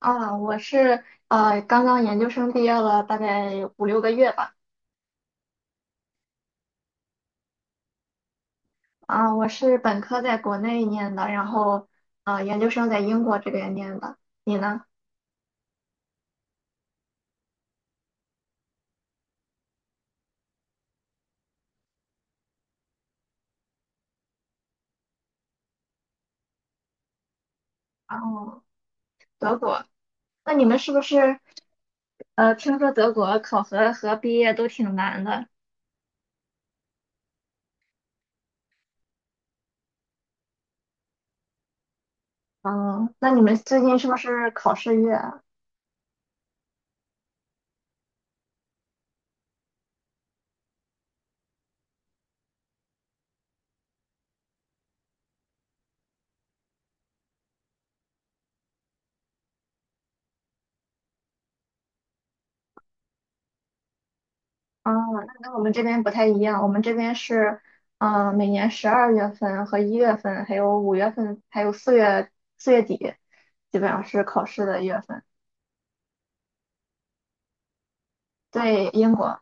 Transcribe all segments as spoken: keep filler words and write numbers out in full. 啊，我是呃刚刚研究生毕业了大概五六个月吧。啊，我是本科在国内念的，然后呃研究生在英国这边念的。你呢？哦，德国？那你们是不是呃听说德国考核和毕业都挺难的？嗯，那你们最近是不是考试月啊？啊，那跟我们这边不太一样，我们这边是，呃，每年十二月份和一月份，还有五月份，还有四月四月底，基本上是考试的月份。对，英国。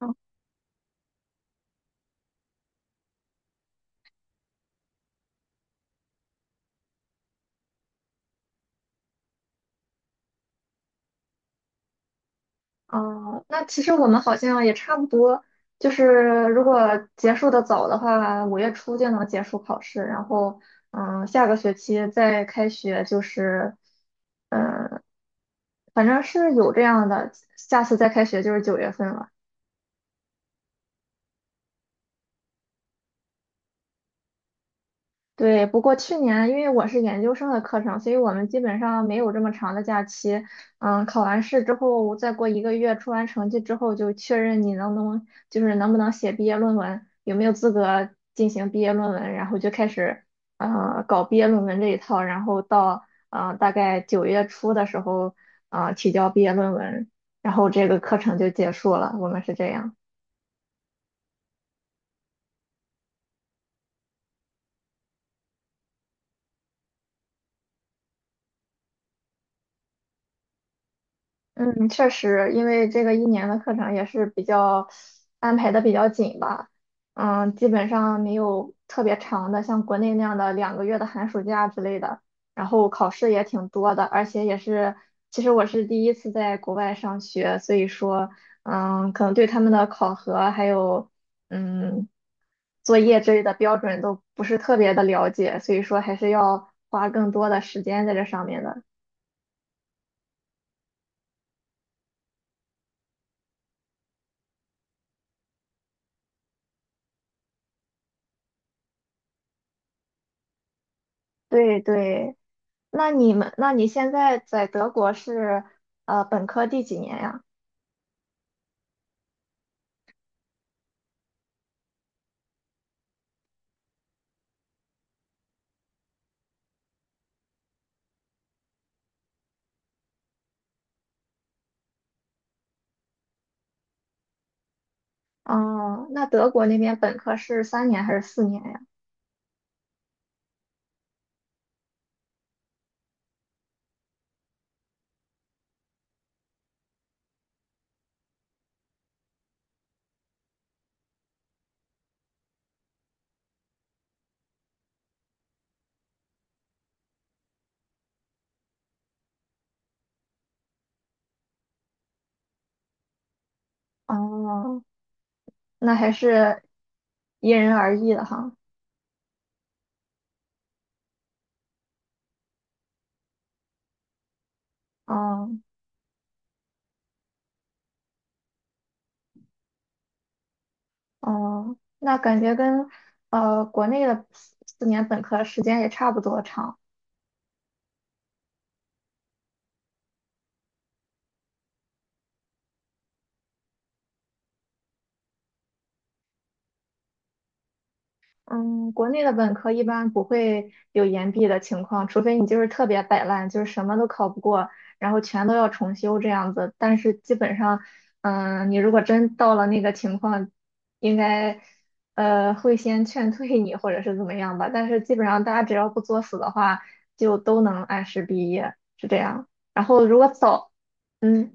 嗯，哦那其实我们好像也差不多，就是如果结束的早的话，五月初就能结束考试，然后，嗯，下个学期再开学就是，嗯，反正是有这样的，下次再开学就是九月份了。对，不过去年因为我是研究生的课程，所以我们基本上没有这么长的假期。嗯，考完试之后，再过一个月出完成绩之后，就确认你能不能，就是能不能写毕业论文，有没有资格进行毕业论文，然后就开始呃搞毕业论文这一套，然后到呃大概九月初的时候，呃提交毕业论文，然后这个课程就结束了。我们是这样。嗯，确实，因为这个一年的课程也是比较安排的比较紧吧，嗯，基本上没有特别长的，像国内那样的两个月的寒暑假之类的。然后考试也挺多的，而且也是，其实我是第一次在国外上学，所以说，嗯，可能对他们的考核还有，嗯，作业之类的标准都不是特别的了解，所以说还是要花更多的时间在这上面的。对对。那你们，那你现在在德国是呃本科第几年呀？哦，那德国那边本科是三年还是四年呀？哦，那还是因人而异的哈。哦哦，那感觉跟呃国内的四四年本科时间也差不多长。嗯，国内的本科一般不会有延毕的情况，除非你就是特别摆烂，就是什么都考不过，然后全都要重修这样子。但是基本上，嗯，你如果真到了那个情况，应该呃会先劝退你或者是怎么样吧。但是基本上大家只要不作死的话，就都能按时毕业，是这样。然后如果早，嗯。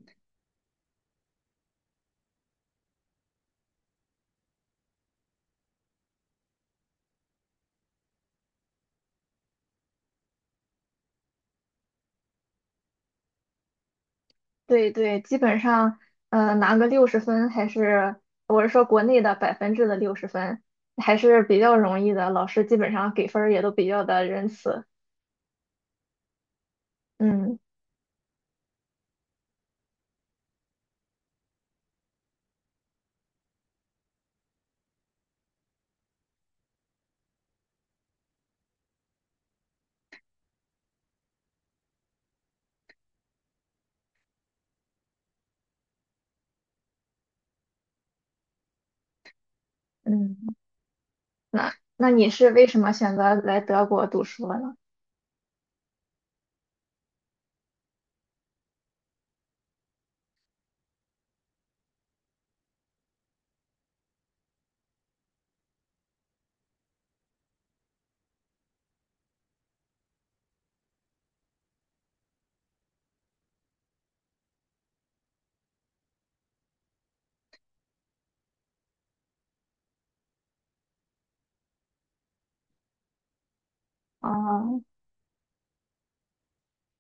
对对，基本上，呃，拿个六十分还是，我是说国内的百分制的六十分，还是比较容易的。老师基本上给分儿也都比较的仁慈。嗯嗯，那那你是为什么选择来德国读书了呢？哦，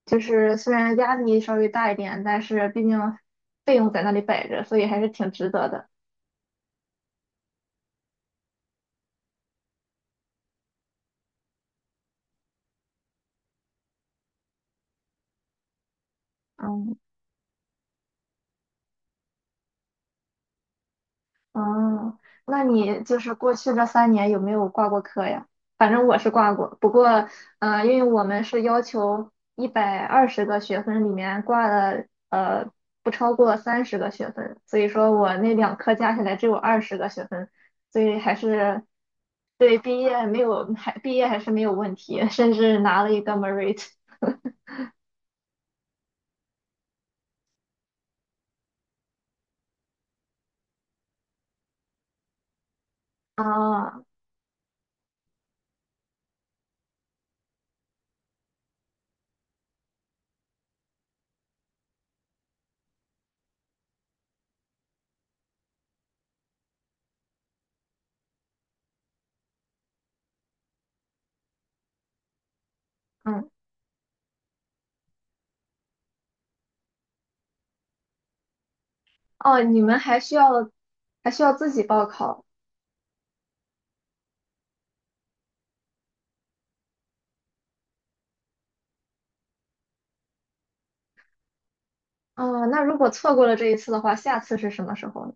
就是虽然压力稍微大一点，但是毕竟费用在那里摆着，所以还是挺值得的。嗯。嗯，那你就是过去这三年有没有挂过科呀？反正我是挂过，不过，嗯、呃，因为我们是要求一百二十个学分里面挂了呃不超过三十个学分，所以说我那两科加起来只有二十个学分，所以还是对毕业没有还毕业还是没有问题，甚至拿了一个 merit 啊，嗯，哦，你们还需要还需要自己报考哦，那如果错过了这一次的话，下次是什么时候呢？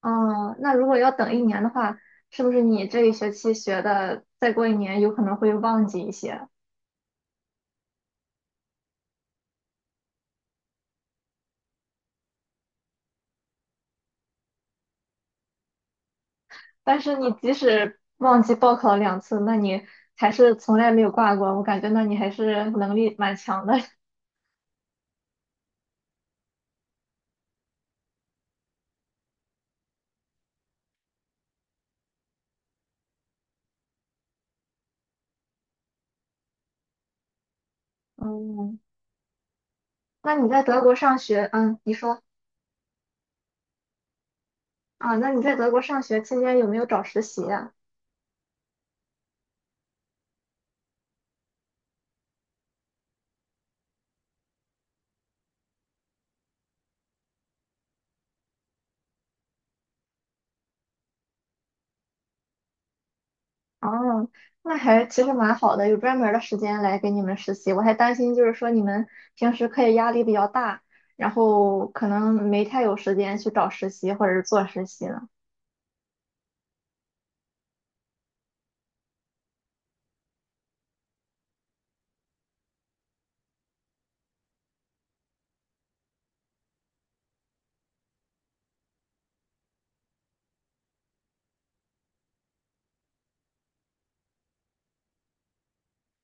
哦，那如果要等一年的话，是不是你这一学期学的，再过一年有可能会忘记一些？但是你即使忘记报考了两次，那你还是从来没有挂过，我感觉那你还是能力蛮强的。嗯，那你在德国上学，嗯，你说啊，那你在德国上学期间有没有找实习呀？哦，那还其实蛮好的，有专门儿的时间来给你们实习。我还担心就是说你们平时课业压力比较大，然后可能没太有时间去找实习或者是做实习了。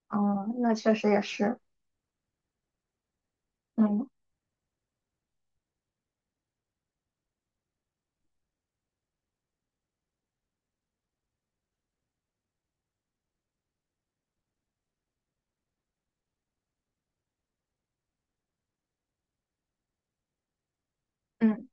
哦，那确实也是，嗯嗯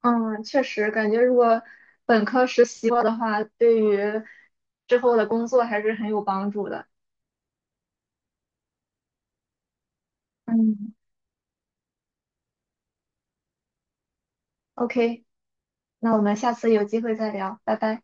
嗯，确实感觉如果本科实习过的话，对于之后的工作还是很有帮助的。嗯，OK,那我们下次有机会再聊，拜拜。